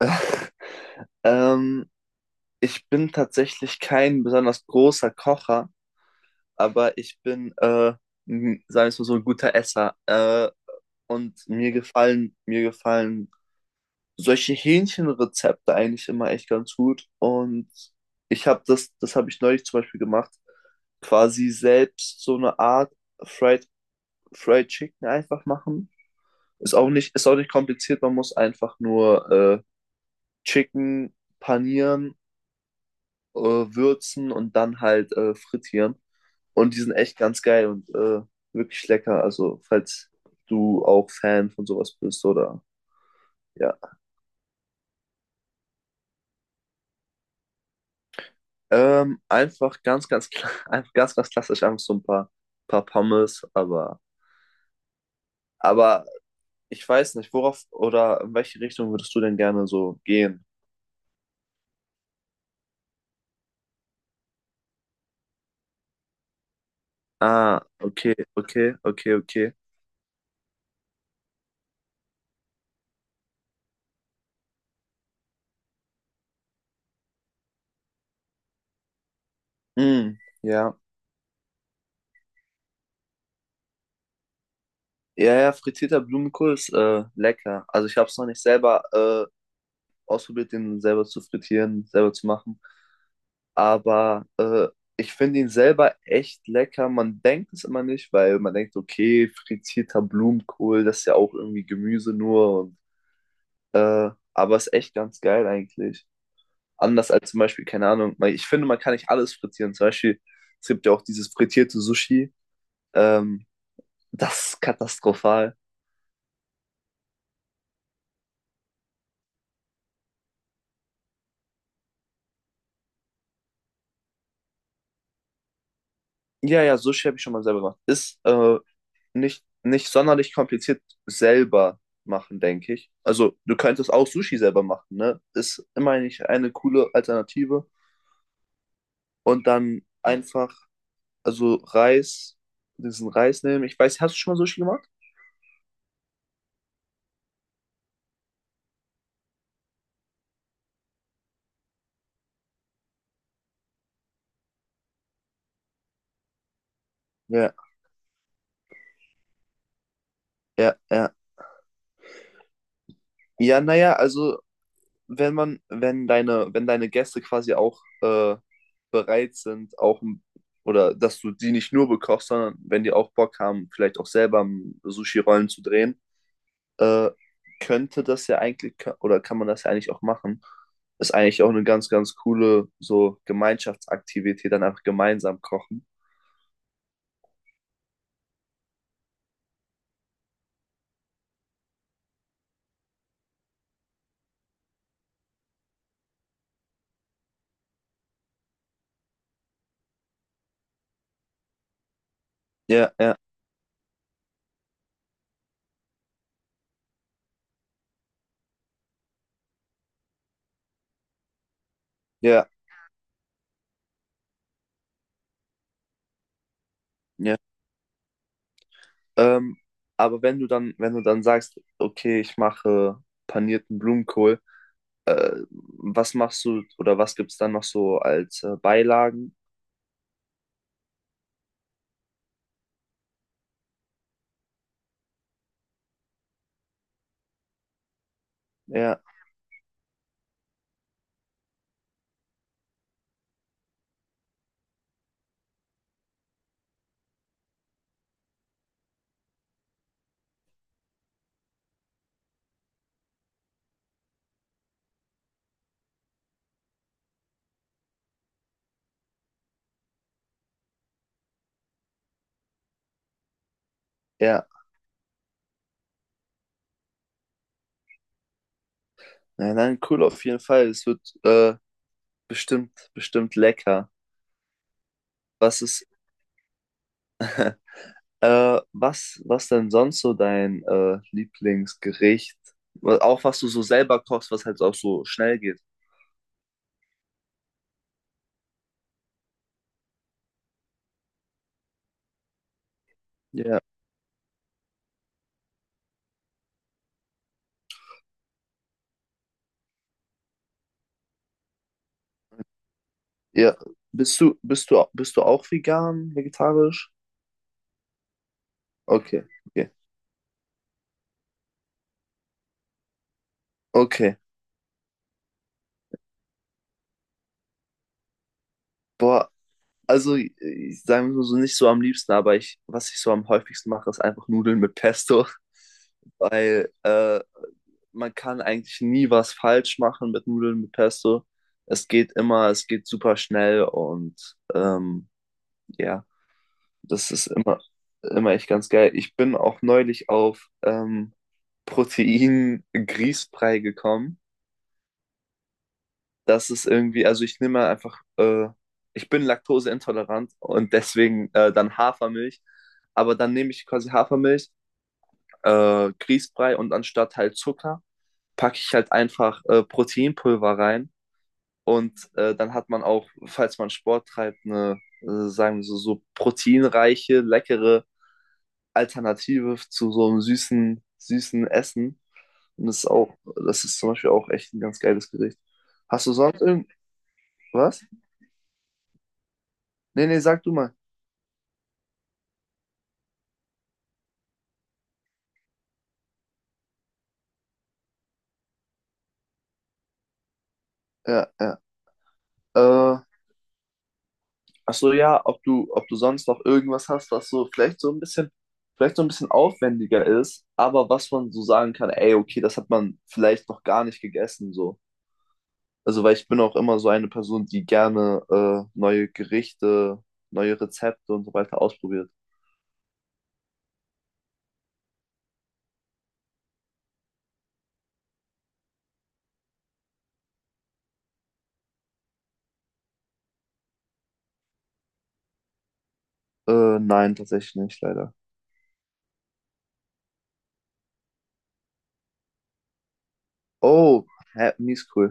Ähm, ich bin tatsächlich kein besonders großer Kocher, aber ich bin, sagen wir es mal so, ein guter Esser. Und mir gefallen solche Hähnchenrezepte eigentlich immer echt ganz gut. Und das habe ich neulich zum Beispiel gemacht, quasi selbst so eine Art Fried, Fried Chicken einfach machen. Ist auch nicht kompliziert, man muss einfach nur Chicken panieren, würzen und dann halt frittieren. Und die sind echt ganz geil und wirklich lecker. Also, falls du auch Fan von sowas bist oder ja. Einfach ganz, ganz, kla- einfach ganz, ganz klassisch, einfach paar Pommes, aber ich weiß nicht, worauf oder in welche Richtung würdest du denn gerne so gehen? Ah, okay, okay, okay, okay. Mm, ja. Ja, ja, frittierter Blumenkohl ist lecker. Also ich habe es noch nicht selber ausprobiert, den selber zu frittieren, selber zu machen. Aber ich finde ihn selber echt lecker. Man denkt es immer nicht, weil man denkt, okay, frittierter Blumenkohl, das ist ja auch irgendwie Gemüse nur. Aber ist echt ganz geil eigentlich. Anders als zum Beispiel, keine Ahnung, weil ich finde, man kann nicht alles frittieren. Zum Beispiel, es gibt ja auch dieses frittierte Sushi. Ähm, Das ist katastrophal. Ja, ja, Sushi habe ich schon mal selber gemacht. Ist nicht sonderlich kompliziert selber machen, denke ich. Also, du könntest auch Sushi selber machen, ne? Ist immerhin nicht eine coole Alternative. Und dann einfach, also Reis, diesen Reis nehmen. Ich weiß, hast du schon mal Sushi gemacht? Ja, ja, ja. Ja, naja, also, wenn deine Gäste quasi auch bereit sind, oder dass du die nicht nur bekochst, sondern wenn die auch Bock haben, vielleicht auch selber m, Sushi-Rollen zu drehen, äh, könnte das ja eigentlich, oder kann man das ja eigentlich auch machen. Ist eigentlich auch eine ganz, ganz coole so Gemeinschaftsaktivität, dann einfach gemeinsam kochen. Ja, ja, ja, ja. Ähm, wenn du dann sagst, okay, ich mache panierten Blumenkohl, was machst du oder was gibt's dann noch so als Beilagen? Ja, ja. Nein, nein, cool auf jeden Fall. Es wird bestimmt lecker. Was ist was denn sonst so dein Lieblingsgericht? Auch was du so selber kochst, was halt auch so schnell geht. Ja, ja. Bist du auch vegan, vegetarisch? Okay, okay, okay. Boah, also ich sage mal so nicht so am liebsten, aber ich, was ich so am häufigsten mache, ist einfach Nudeln mit Pesto, weil man kann eigentlich nie was falsch machen mit Nudeln mit Pesto. Es geht immer, es geht super schnell und ja. Das ist immer, immer echt ganz geil. Ich bin auch neulich auf Protein-Grießbrei gekommen. Das ist irgendwie, also ich nehme einfach, ich bin laktoseintolerant und deswegen dann Hafermilch. Aber dann nehme ich quasi Hafermilch, Grießbrei und anstatt halt Zucker packe ich halt einfach Proteinpulver rein. Und dann hat man auch, falls man Sport treibt, eine, sagen wir so, so proteinreiche, leckere Alternative zu so einem süßen, süßen Essen. Und das ist auch, das ist zum Beispiel auch echt ein ganz geiles Gericht. Hast du sonst irgendwas? Nee, nee, sag du mal. Ja, ja. Äh, Ach so, ja, ob ob du sonst noch irgendwas hast, was so vielleicht so ein bisschen, vielleicht so ein bisschen aufwendiger ist, aber was man so sagen kann, ey, okay, das hat man vielleicht noch gar nicht gegessen, so. Also, weil ich bin auch immer so eine Person, die gerne neue Gerichte, neue Rezepte und so weiter ausprobiert. Nein, tatsächlich nicht, leider. Oh, hä, mies cool.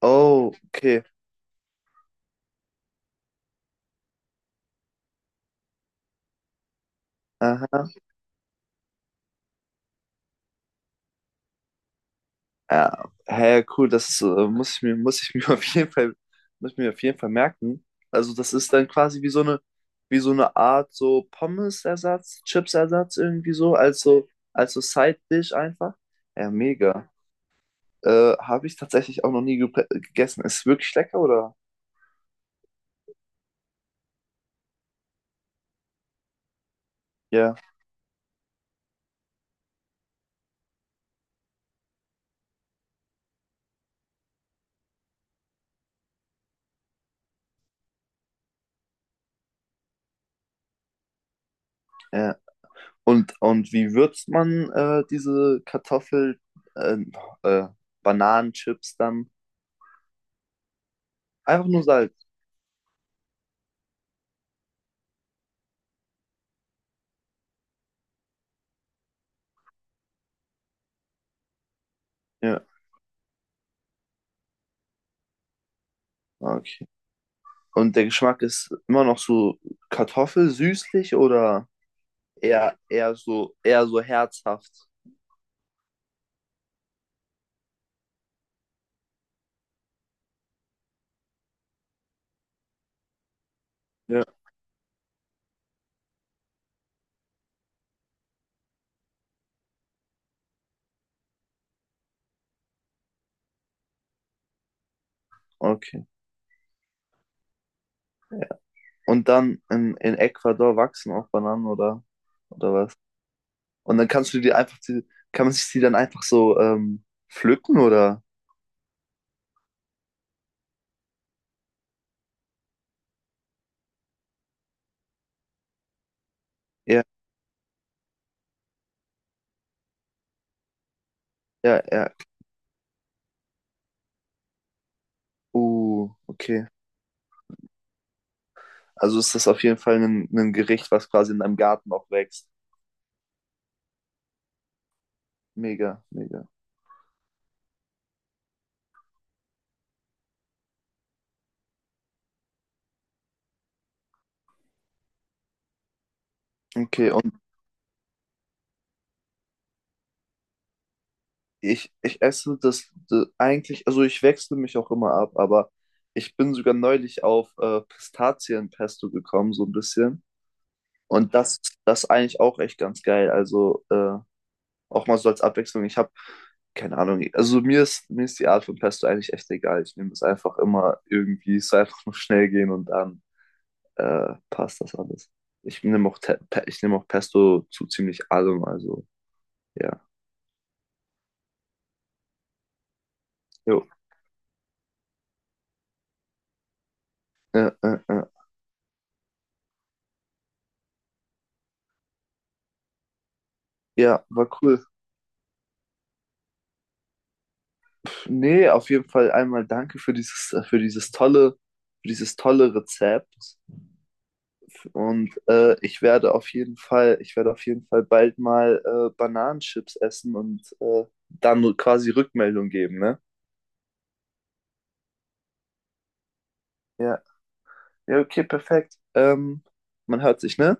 Oh, okay. Aha. Ja, hä, cool. Das muss ich mir, Muss ich mir auf jeden Fall, muss ich mir auf jeden Fall merken. Also das ist dann quasi wie so eine Art so Pommes-Ersatz, Chips-Ersatz irgendwie so, als so Side-Dish einfach. Ja, mega. Habe ich tatsächlich auch noch nie gegessen. Ist wirklich lecker, oder? Ja, ja. Und wie würzt man diese Kartoffel, äh, äh, Bananenchips dann? Einfach nur Salz. Ja, ah, okay. Und der Geschmack ist immer noch so Kartoffel, süßlich oder eher, eher so herzhaft? Ja. Okay. Und dann in Ecuador wachsen auch Bananen oder was? Und dann kannst du die einfach, die, kann man sich die dann einfach so pflücken oder? Ja, ja, ja. Okay. Also ist das auf jeden Fall ein Gericht, was quasi in deinem Garten auch wächst. Mega, mega. Okay, und ich esse das, eigentlich, also ich wechsle mich auch immer ab, aber ich bin sogar neulich auf Pistazienpesto gekommen, so ein bisschen. Und das, das ist eigentlich auch echt ganz geil. Also auch mal so als Abwechslung. Ich habe keine Ahnung, also mir ist die Art von Pesto eigentlich echt egal. Ich nehme es einfach immer irgendwie, es soll einfach nur schnell gehen und dann passt das alles. Ich nehme auch, ich nehme auch Pesto zu ziemlich allem, also ja. Jo. Äh, äh, äh. Ja, war cool. Nee, auf jeden Fall einmal danke für dieses tolle Rezept. Und ich werde auf jeden Fall, ich werde auf jeden Fall bald mal Bananenchips essen und dann quasi Rückmeldung geben, ne? Ja. Ja, okay, perfekt. Man hört sich, ne?